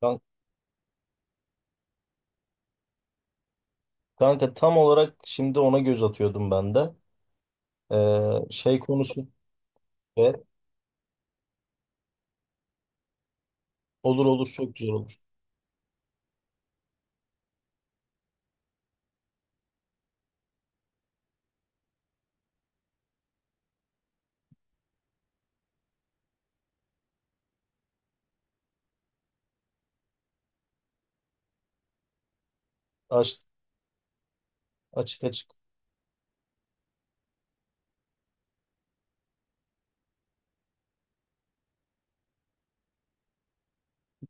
Kan- Kanka tam olarak şimdi ona göz atıyordum ben de. Şey konusu evet, olur olur, çok güzel olur. Aç, Açık açık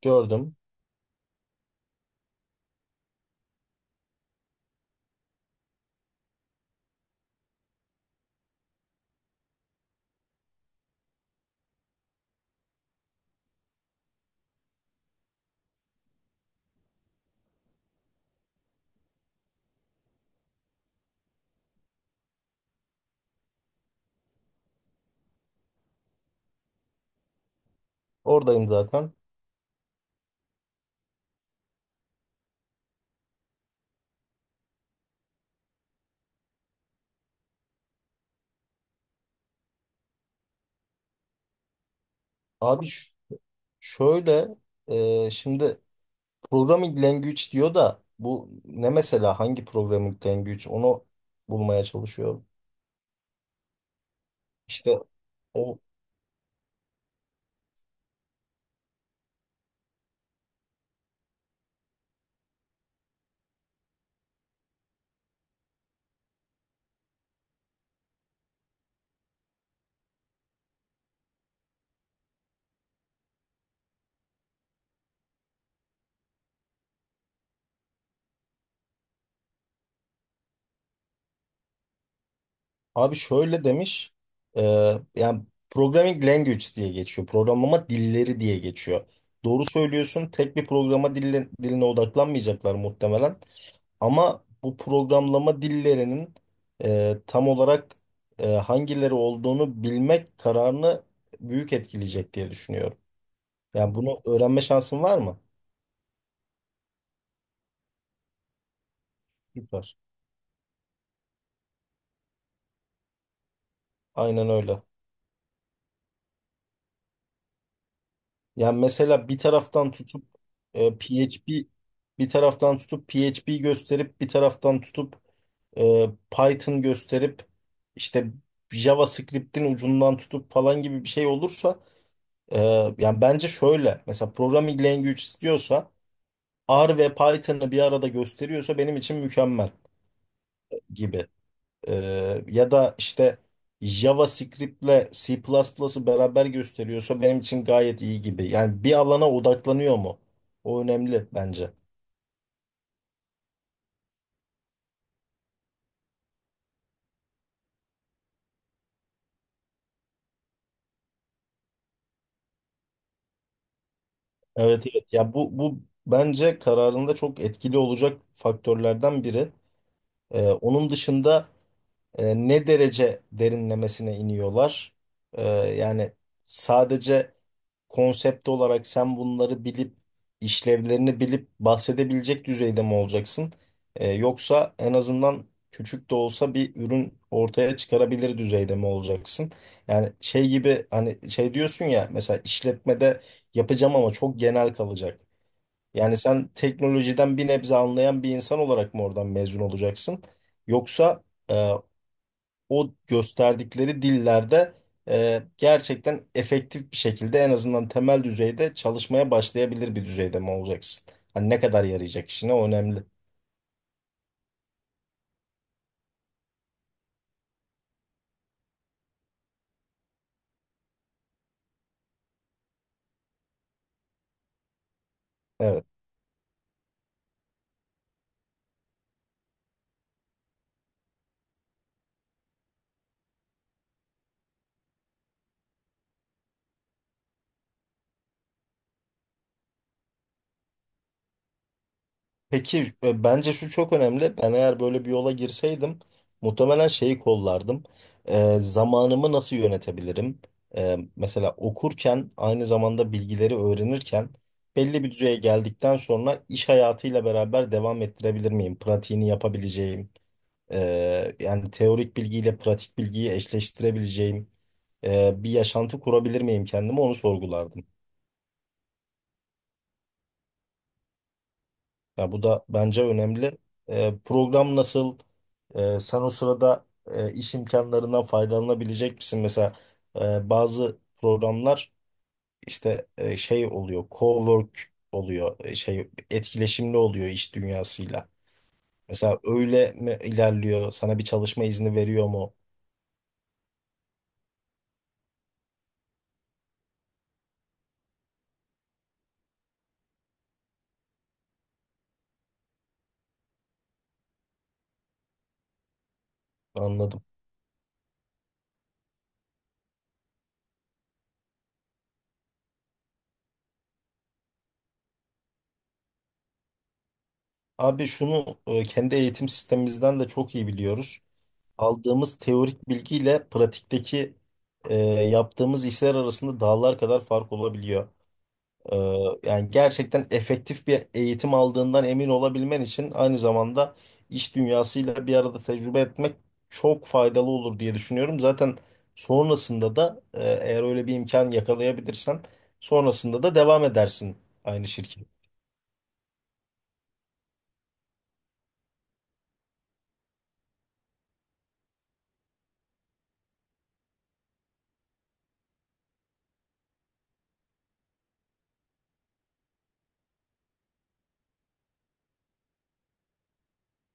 gördüm. Oradayım zaten. Şöyle, şimdi programming language diyor da bu ne mesela, hangi programming language onu bulmaya çalışıyorum. İşte o Abi şöyle demiş, e, yani programming language diye geçiyor, programlama dilleri diye geçiyor. Doğru söylüyorsun, tek bir diline odaklanmayacaklar muhtemelen. Ama bu programlama dillerinin tam olarak hangileri olduğunu bilmek kararını büyük etkileyecek diye düşünüyorum. Yani bunu öğrenme şansın var mı? Süper. Aynen öyle. Yani mesela bir taraftan tutup e, PHP bir taraftan tutup PHP gösterip, bir taraftan tutup Python gösterip, işte JavaScript'in ucundan tutup falan gibi bir şey olursa, e, yani bence şöyle, mesela programming language istiyorsa R ve Python'ı bir arada gösteriyorsa benim için mükemmel gibi. Ya da işte JavaScript'le C++'ı beraber gösteriyorsa benim için gayet iyi gibi. Yani bir alana odaklanıyor mu? O önemli bence. Evet evet. Ya bu bence kararında çok etkili olacak faktörlerden biri. Onun dışında, ne derece derinlemesine iniyorlar? Yani sadece konsept olarak sen bunları bilip işlevlerini bilip bahsedebilecek düzeyde mi olacaksın? Yoksa en azından küçük de olsa bir ürün ortaya çıkarabilir düzeyde mi olacaksın? Yani şey gibi, hani şey diyorsun ya, mesela işletmede yapacağım ama çok genel kalacak. Yani sen teknolojiden bir nebze anlayan bir insan olarak mı oradan mezun olacaksın? Yoksa e, o gösterdikleri dillerde gerçekten efektif bir şekilde en azından temel düzeyde çalışmaya başlayabilir bir düzeyde mi olacaksın? Hani ne kadar yarayacak işine, o önemli. Evet. Peki, bence şu çok önemli. Ben eğer böyle bir yola girseydim muhtemelen şeyi kollardım. Zamanımı nasıl yönetebilirim? Mesela okurken aynı zamanda bilgileri öğrenirken belli bir düzeye geldikten sonra iş hayatıyla beraber devam ettirebilir miyim? Pratiğini yapabileceğim. Yani teorik bilgiyle pratik bilgiyi eşleştirebileceğim bir yaşantı kurabilir miyim kendime, onu sorgulardım. Ya bu da bence önemli. Program nasıl? Sen o sırada iş imkanlarından faydalanabilecek misin? Mesela bazı programlar işte şey oluyor, cowork oluyor, şey, etkileşimli oluyor iş dünyasıyla. Mesela öyle mi ilerliyor? Sana bir çalışma izni veriyor mu? Anladım. Abi şunu, kendi eğitim sistemimizden de çok iyi biliyoruz. Aldığımız teorik bilgiyle pratikteki e, yaptığımız işler arasında dağlar kadar fark olabiliyor. E, Yani gerçekten efektif bir eğitim aldığından emin olabilmen için aynı zamanda iş dünyasıyla bir arada tecrübe etmek çok faydalı olur diye düşünüyorum. Zaten sonrasında da, eğer öyle bir imkan yakalayabilirsen, sonrasında da devam edersin aynı şirket.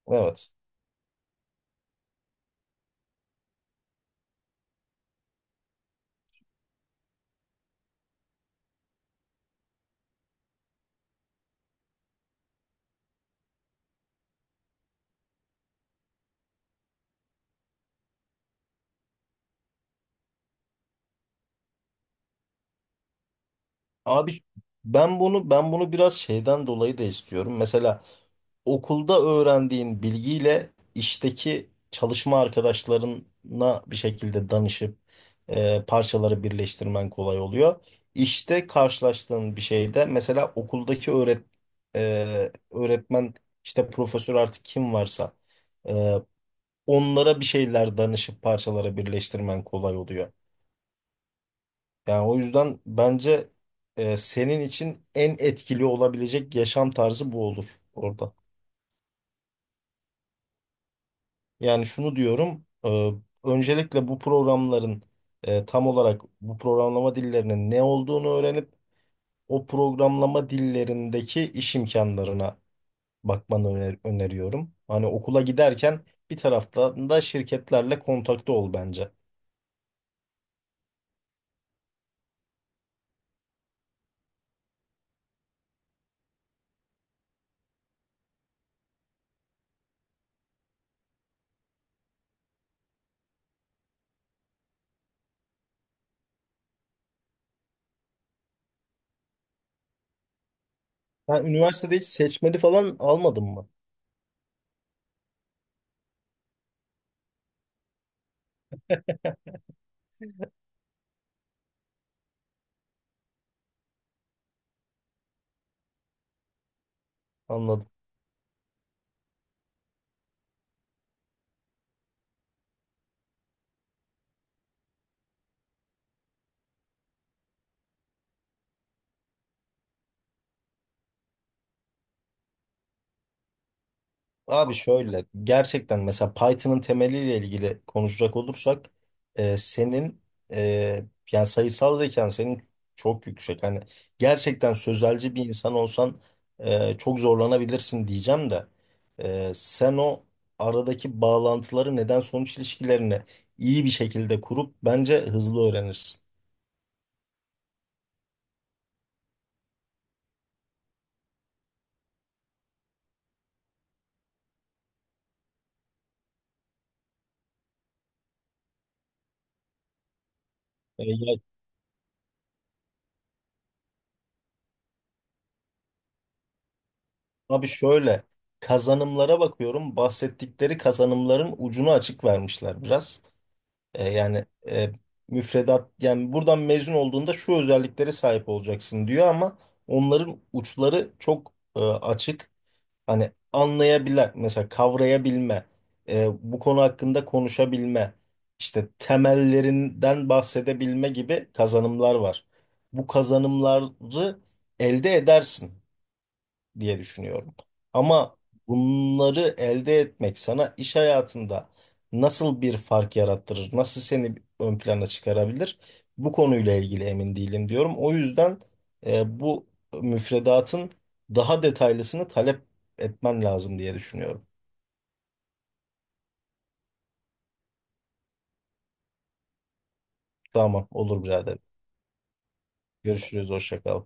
Evet. Abi ben bunu biraz şeyden dolayı da istiyorum. Mesela okulda öğrendiğin bilgiyle işteki çalışma arkadaşlarına bir şekilde danışıp parçaları birleştirmen kolay oluyor. İşte karşılaştığın bir şeyde mesela okuldaki öğretmen, işte profesör, artık kim varsa e, onlara bir şeyler danışıp parçalara birleştirmen kolay oluyor. Yani o yüzden bence senin için en etkili olabilecek yaşam tarzı bu olur orada. Yani şunu diyorum, öncelikle bu programların, tam olarak bu programlama dillerinin ne olduğunu öğrenip o programlama dillerindeki iş imkanlarına bakmanı öneriyorum. Hani okula giderken bir taraftan da şirketlerle kontakta ol bence. Ben üniversitede hiç seçmeli falan almadım mı? Anladım. Abi şöyle, gerçekten mesela Python'ın temeliyle ilgili konuşacak olursak senin e, yani sayısal zekan senin çok yüksek. Hani gerçekten sözelci bir insan olsan çok zorlanabilirsin diyeceğim de sen o aradaki bağlantıları, neden sonuç ilişkilerini iyi bir şekilde kurup bence hızlı öğrenirsin. E, ya- Abi şöyle, kazanımlara bakıyorum, bahsettikleri kazanımların ucunu açık vermişler biraz. Yani e, müfredat, yani buradan mezun olduğunda şu özelliklere sahip olacaksın diyor ama onların uçları çok açık. Hani anlayabilen mesela, kavrayabilme, bu konu hakkında konuşabilme, işte temellerinden bahsedebilme gibi kazanımlar var. Bu kazanımları elde edersin diye düşünüyorum. Ama bunları elde etmek sana iş hayatında nasıl bir fark yarattırır, nasıl seni ön plana çıkarabilir? Bu konuyla ilgili emin değilim diyorum. O yüzden bu müfredatın daha detaylısını talep etmen lazım diye düşünüyorum. Tamam, olur birader. Görüşürüz, hoşça kal.